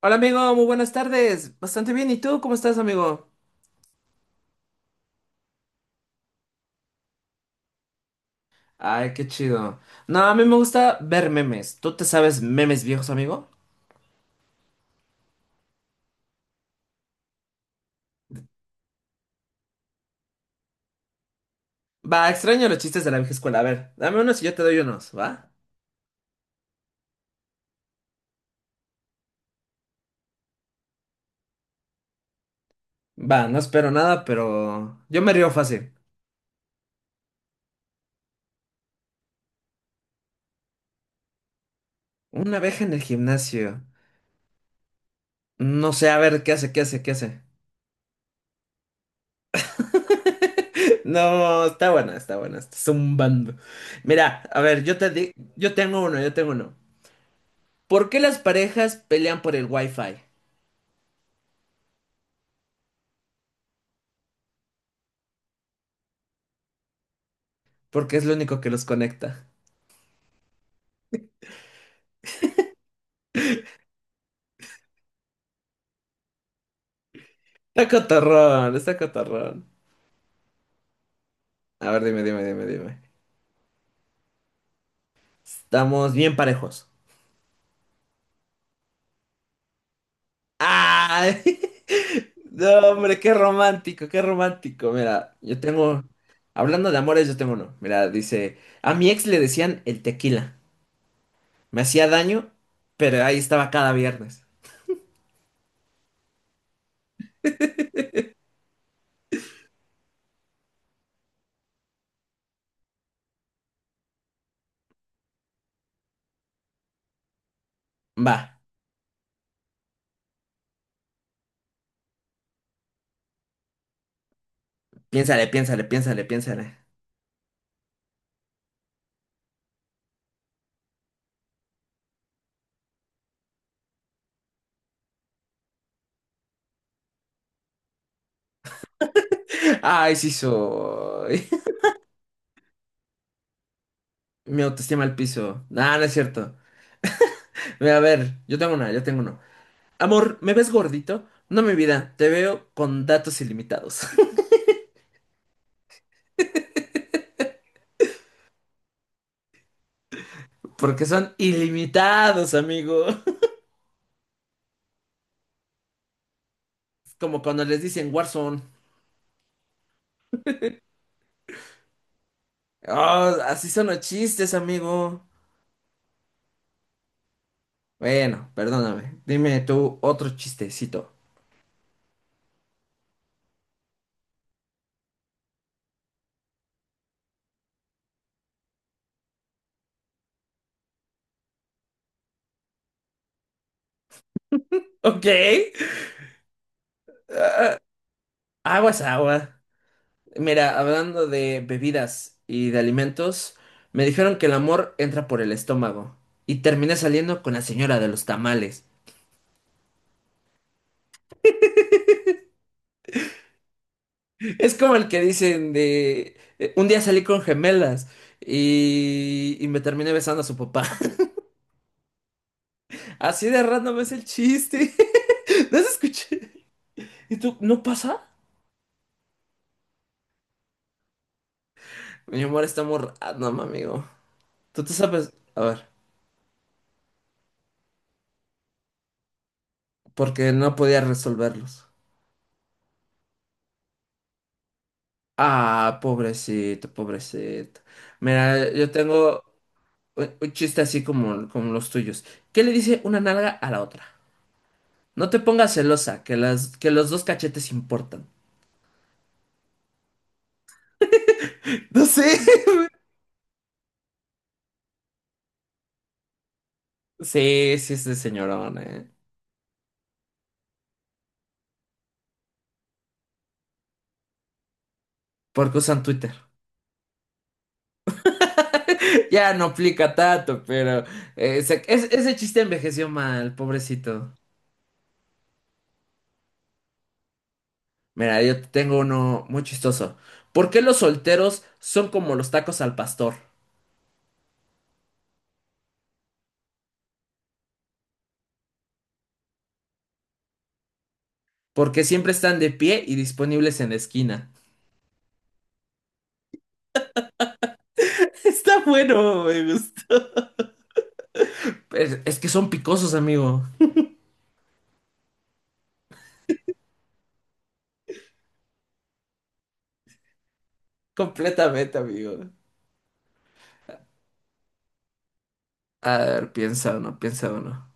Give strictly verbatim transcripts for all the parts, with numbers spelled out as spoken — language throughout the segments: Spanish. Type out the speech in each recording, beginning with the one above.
Hola amigo, muy buenas tardes. Bastante bien. ¿Y tú cómo estás, amigo? Ay, qué chido. No, a mí me gusta ver memes. ¿Tú te sabes memes viejos, amigo? Va, extraño los chistes de la vieja escuela. A ver, dame unos y yo te doy unos, ¿va? Va, no espero nada, pero yo me río fácil. Una abeja en el gimnasio. No sé, a ver, ¿qué hace? ¿Qué hace? ¿Qué hace? No, está buena, está buena, está zumbando. Mira, a ver, yo te di- yo tengo uno, yo tengo uno. ¿Por qué las parejas pelean por el wifi? Porque es lo único que los conecta. Está catarrón, está catarrón. A ver, dime, dime, dime, dime. Estamos bien parejos. ¡Ay! No, hombre, qué romántico, qué romántico. Mira, yo tengo. Hablando de amores, yo tengo uno. Mira, dice. A mi ex le decían el tequila. Me hacía daño, pero ahí estaba cada viernes. Va, piénsale, piénsale, piénsale, piénsale. Ay, sí soy. Mi autoestima al piso. No, no es cierto. Mira, a ver, yo tengo una, yo tengo uno. Amor, ¿me ves gordito? No, mi vida, te veo con datos ilimitados. Porque son ilimitados, amigo. Es como cuando les dicen Warzone. Oh, así son los chistes, amigo. Bueno, perdóname. Dime tú otro chistecito. Ok. Aguas, agua. Mira, hablando de bebidas y de alimentos, me dijeron que el amor entra por el estómago. Y terminé saliendo con la señora de los tamales. Es como el que dicen de eh, un día salí con gemelas y, y me terminé besando a su papá. Así de random es el chiste. ¿No se escucha? ¿Y tú? ¿No pasa? Mi amor está muy random, amigo. Tú te sabes. A ver, porque no podía resolverlos. Ah, pobrecito, pobrecito. Mira, yo tengo un un chiste así como, como los tuyos. ¿Qué le dice una nalga a la otra? No te pongas celosa, que las, que los dos cachetes importan. No sé. Sí, sí es de señorón, ¿eh? Porque usan Twitter. Ya no aplica tanto, pero eh, se- es- ese chiste envejeció mal, pobrecito. Mira, yo te tengo uno muy chistoso. ¿Por qué los solteros son como los tacos al pastor? Porque siempre están de pie y disponibles en la esquina. Está bueno, me gusta. Es, es que son picosos, amigo. Completamente, amigo. A ver, piensa uno, piensa uno.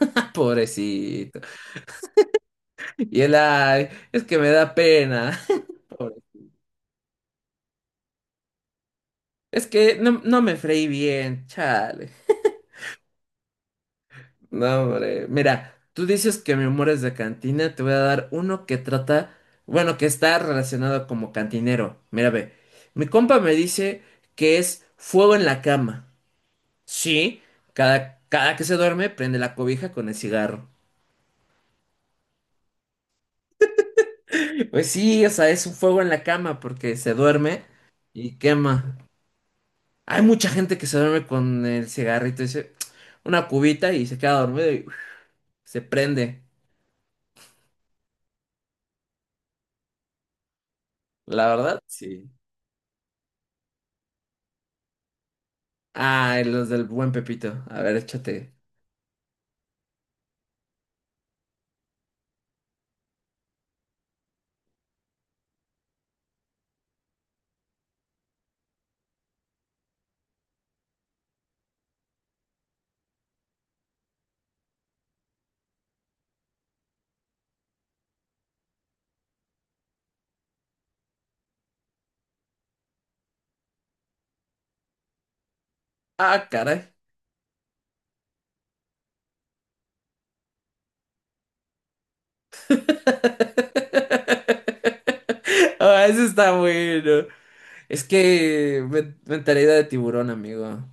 Pobrecito. Y él, ay, es que me da pena. Es que no, no me freí bien, chale. No, hombre. Mira, tú dices que mi humor es de cantina, te voy a dar uno que trata, bueno, que está relacionado como cantinero. Mira, ve. Mi compa me dice que es fuego en la cama. Sí, cada, cada que se duerme prende la cobija con el cigarro. Pues sí, o sea, es un fuego en la cama porque se duerme y quema. Hay mucha gente que se duerme con el cigarrito, dice, una cubita y se queda dormido y uf, se prende. La verdad, sí. Ah, los del buen Pepito. A ver, échate. Ah, caray. Ah, eso está bueno. Es que me- mentalidad de tiburón, amigo.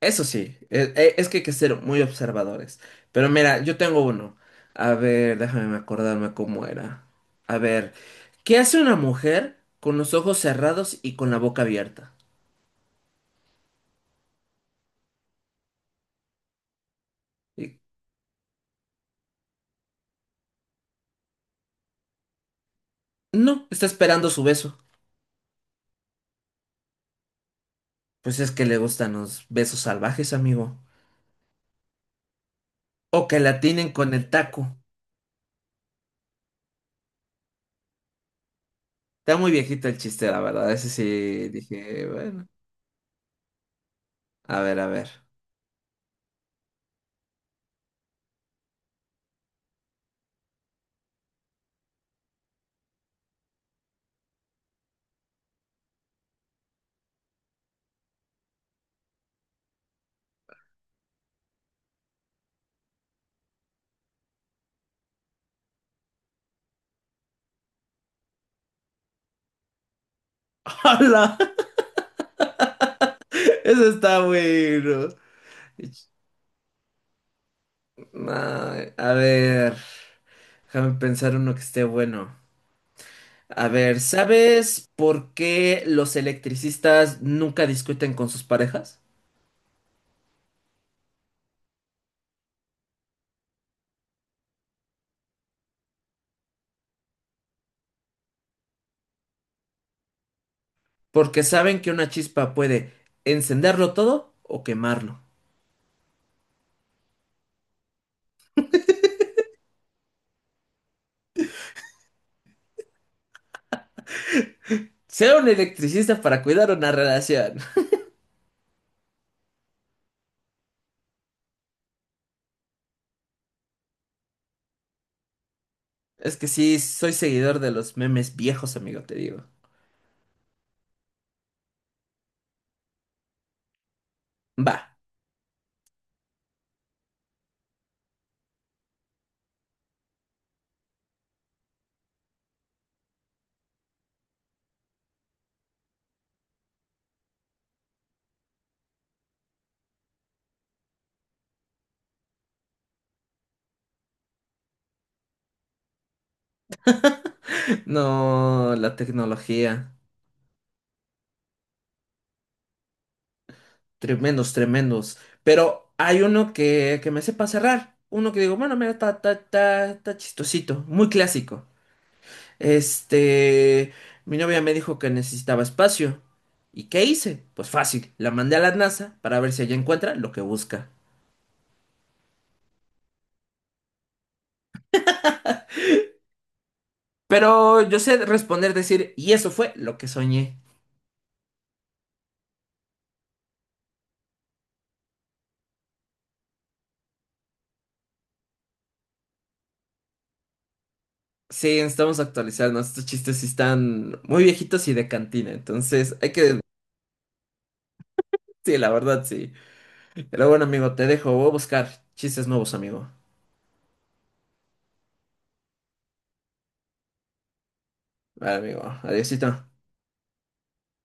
Eso sí, e- e- es, que hay que ser muy observadores. Pero mira, yo tengo uno. A ver, déjame acordarme cómo era. A ver, ¿qué hace una mujer con los ojos cerrados y con la boca abierta? Y- No, está esperando su beso. Pues es que le gustan los besos salvajes, amigo. O que la tienen con el taco. Está muy viejito el chiste, la verdad. Ese sí dije, bueno. A ver, a ver. ¡Hala! Eso está bueno. No, a ver. Déjame pensar uno que esté bueno. A ver, ¿sabes por qué los electricistas nunca discuten con sus parejas? Porque saben que una chispa puede encenderlo todo o quemarlo. Sea un electricista para cuidar una relación. Es que sí, soy seguidor de los memes viejos, amigo, te digo. Va. No, la tecnología. Tremendos, tremendos. Pero hay uno que, que me sepa cerrar. Uno que digo, bueno, mira, está, está ta está chistosito. Muy clásico. Este, mi novia me dijo que necesitaba espacio. ¿Y qué hice? Pues fácil, la mandé a la NASA para ver si ella encuentra lo que busca. Pero yo sé responder, decir, y eso fue lo que soñé. Sí, necesitamos actualizarnos. Estos chistes sí están muy viejitos y de cantina. Entonces, hay que... Sí, la verdad, sí. Pero bueno, amigo, te dejo. Voy a buscar chistes nuevos, amigo. Vale, amigo. Adiósito.